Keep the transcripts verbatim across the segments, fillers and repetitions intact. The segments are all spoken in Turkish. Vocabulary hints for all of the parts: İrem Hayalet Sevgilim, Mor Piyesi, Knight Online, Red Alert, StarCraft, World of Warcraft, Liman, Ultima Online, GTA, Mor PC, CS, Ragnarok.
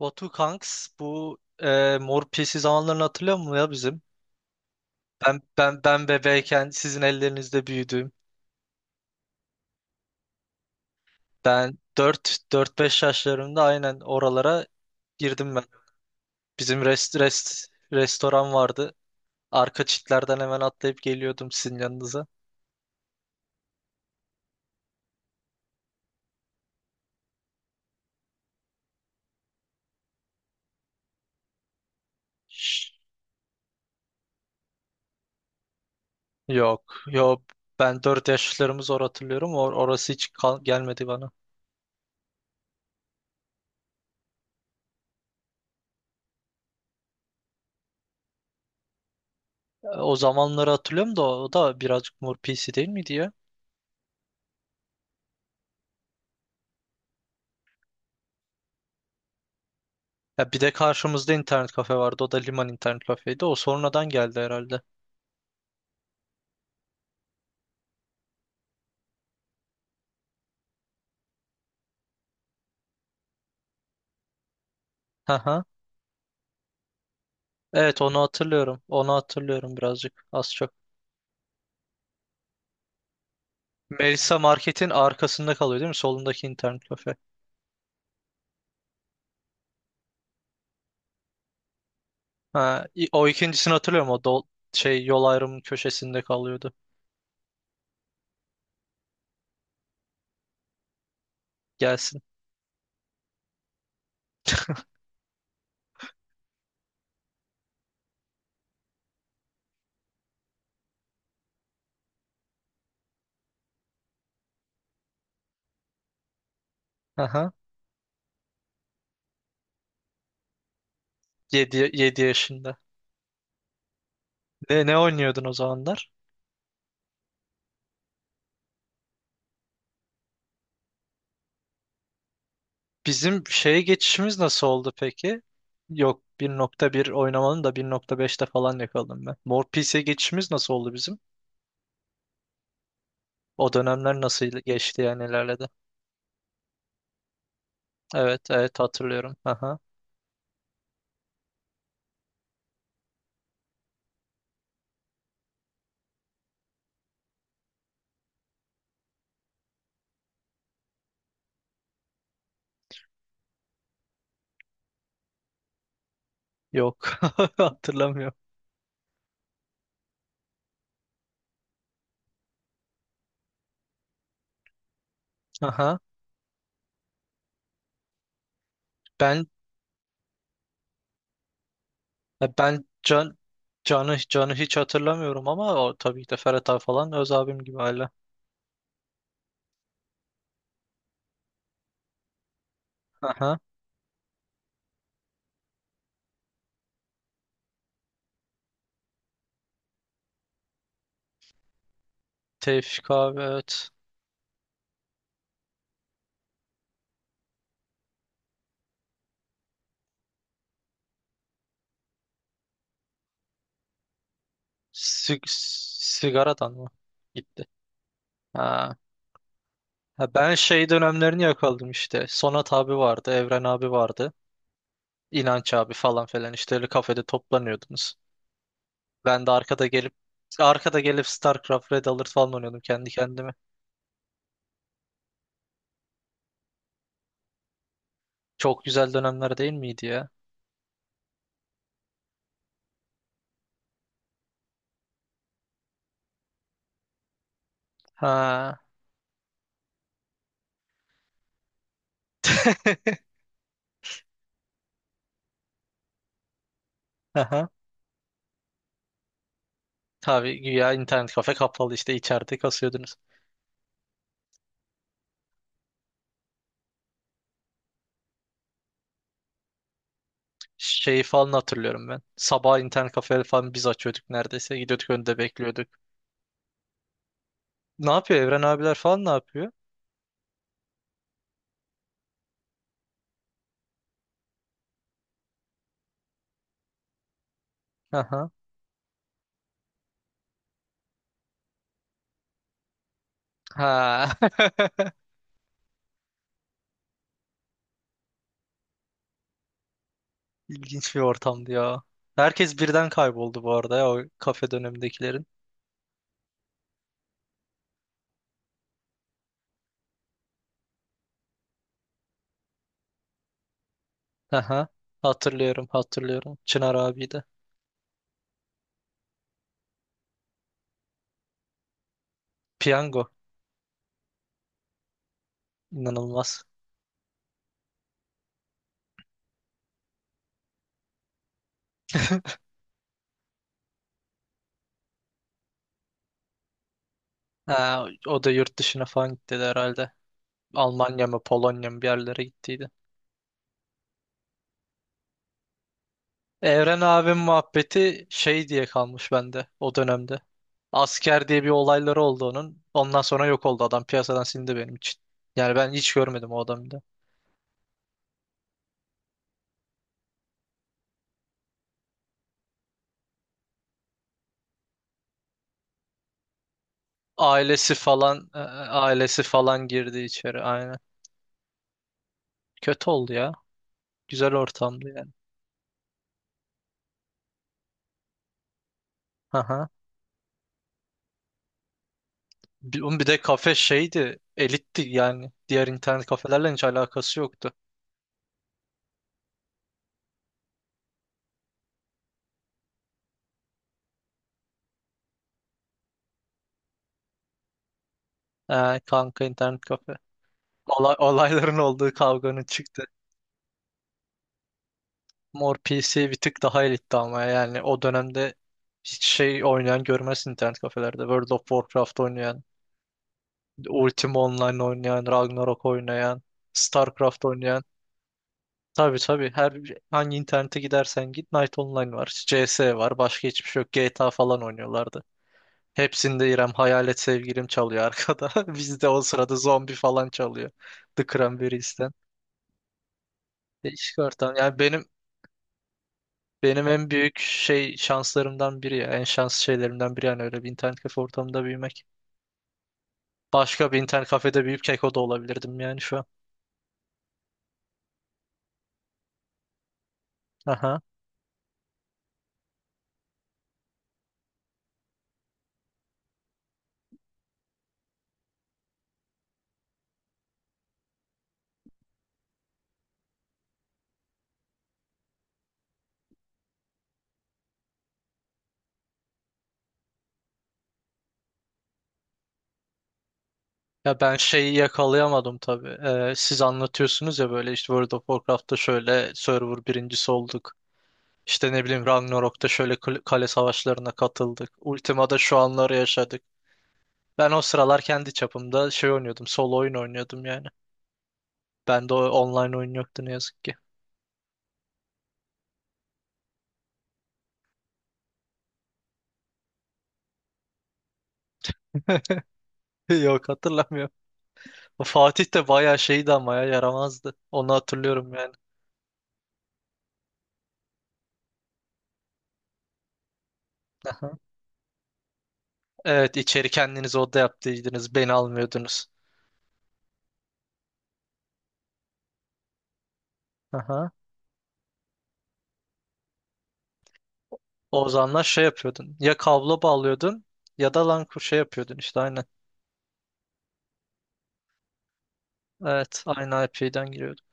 Batu Kanks bu e, Mor Piyesi zamanlarını hatırlıyor musun ya bizim? Ben ben ben bebeyken sizin ellerinizde büyüdüm. Ben dört dört beş yaşlarımda aynen oralara girdim ben. Bizim rest rest restoran vardı. Arka çitlerden hemen atlayıp geliyordum sizin yanınıza. Şşş, Yok, yok. Ben dört yaşlarımı zor hatırlıyorum. Or orası hiç kal- gelmedi bana. E, O zamanları hatırlıyorum da o, o da birazcık Mor Piyesi değil miydi ya? Ya bir de karşımızda internet kafe vardı. O da Liman internet kafeydi. O sonradan geldi herhalde. Hı hı. Evet, onu hatırlıyorum. Onu hatırlıyorum birazcık. Az çok. Melisa Market'in arkasında kalıyor değil mi? Solundaki internet kafe. Ha, i- o ikincisini hatırlıyorum. O dol şey yol ayrımının köşesinde kalıyordu. Gelsin. Haha. Yedi yedi yaşında. Ne, ne oynuyordun o zamanlar? Bizim şeye geçişimiz nasıl oldu peki? Yok, bir nokta bir oynamanın da bir nokta beşte falan yakaladım ben. Mor P C geçişimiz nasıl oldu bizim? O dönemler nasıl geçti, yani nelerledi? Evet evet, hatırlıyorum. Aha. Yok, hatırlamıyorum. Aha. Ben e, ben Can Can'ı Can'ı hiç hatırlamıyorum, ama o tabii ki de Ferhat abi falan öz abim gibi hala. Aha. Tevfik abi, evet. Sig- sigaradan mı? Gitti. Ha. Ha, ben şey dönemlerini yakaladım işte. Sonat abi vardı, Evren abi vardı. İnanç abi falan filan, işte öyle kafede toplanıyordunuz. Ben de arkada gelip arkada gelip StarCraft, Red Alert falan oynuyordum kendi kendime. Çok güzel dönemler değil miydi ya? Ha. Aha. Tabii, güya internet kafe kapalı, işte içeride kasıyordunuz. Şeyi falan hatırlıyorum ben. Sabah internet kafe falan biz açıyorduk neredeyse. Gidiyorduk, önde bekliyorduk. Ne yapıyor Evren abiler falan, ne yapıyor? Aha. Ha. İlginç bir ortamdı ya. Herkes birden kayboldu bu arada ya, o kafe dönemindekilerin. Aha. Hatırlıyorum, hatırlıyorum. Çınar abi de. Piyango. İnanılmaz. Ha, o da yurt dışına falan gitti de herhalde. Almanya mı, Polonya mı, bir yerlere gittiydi. Evren abim muhabbeti şey diye kalmış bende o dönemde. Asker diye bir olayları oldu onun. Ondan sonra yok oldu adam. Piyasadan silindi benim için. Yani ben hiç görmedim o adamı da. Ailesi falan e, e, ailesi falan girdi içeri aynen. Kötü oldu ya. Güzel ortamdı yani. Aha. Bir, oğlum, bir de kafe şeydi. Elitti yani. Diğer internet kafelerle hiç alakası yoktu. Ee, kanka internet kafe. Olay, olayların olduğu, kavganın çıktı. Mor P C bir tık daha elitti, ama yani o dönemde hiç şey oynayan görmezsin internet kafelerde. World of Warcraft oynayan, Ultima Online oynayan, Ragnarok oynayan, Starcraft oynayan. Tabii tabii, her hangi internete gidersen git Knight Online var, C S var, başka hiçbir şey yok. G T A falan oynuyorlardı. Hepsinde İrem Hayalet Sevgilim çalıyor arkada. Bizde o sırada zombi falan çalıyor. The Cranberries'ten. Değişik ortam. Yani benim Benim en büyük şey şanslarımdan biri ya. En şanslı şeylerimden biri, yani öyle bir internet kafe ortamında büyümek. Başka bir internet kafede büyüyüp keko da olabilirdim yani şu an. Aha. Ya ben şeyi yakalayamadım tabii. Ee, siz anlatıyorsunuz ya, böyle işte World of Warcraft'ta şöyle server birincisi olduk. İşte ne bileyim, Ragnarok'ta şöyle kl- kale savaşlarına katıldık. Ultima'da şu anları yaşadık. Ben o sıralar kendi çapımda şey oynuyordum. Solo oyun oynuyordum yani. Bende o online oyun yoktu ne yazık ki. Yok, hatırlamıyorum. Fatih de bayağı şeydi ama ya, yaramazdı. Onu hatırlıyorum yani. Aha. Evet, içeri kendiniz oda yaptıydınız. Beni almıyordunuz. Aha. O zamanlar şey yapıyordun. Ya kablo bağlıyordun, ya da lan şey yapıyordun işte aynen. Evet, aynı I P'den giriyordun.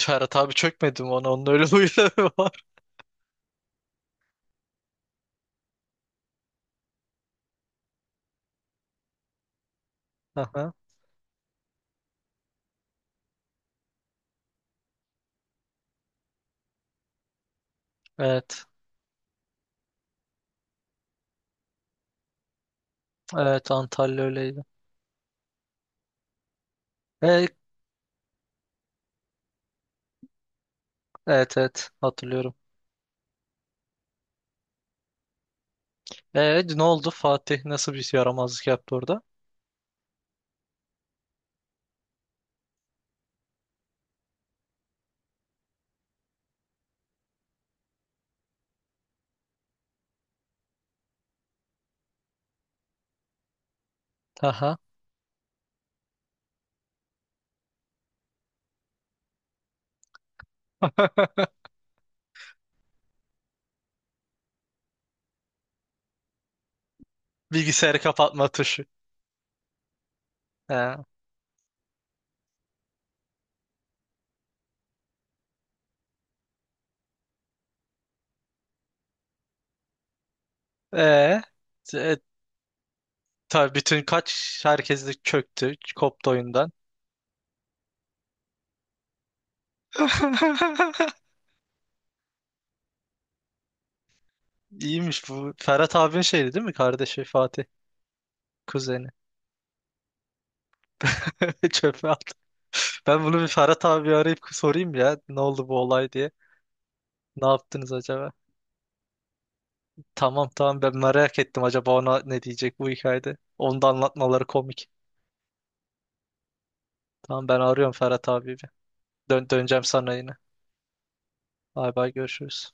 Ferhat abi, çökmedim ona. Onun öyle huyları var. Aha. Evet. Evet, Antalya öyleydi. E, evet evet, hatırlıyorum. E, ne oldu, Fatih nasıl bir yaramazlık yaptı orada? Aha. Bilgisayarı kapatma tuşu. He. Ee, e, tabii bütün kaç herkes de çöktü, koptu oyundan. İyiymiş bu. Ferhat abinin şeydi değil mi? Kardeşi Fatih, kuzeni. Çöpe attı. Ben bunu bir Ferhat abi arayıp sorayım ya. Ne oldu bu olay diye. Ne yaptınız acaba? Tamam tamam, ben merak ettim, acaba ona ne diyecek bu hikayede. Onu da anlatmaları komik. Tamam, ben arıyorum Ferhat abi bir. Dön döneceğim sana yine. Bay bay, görüşürüz.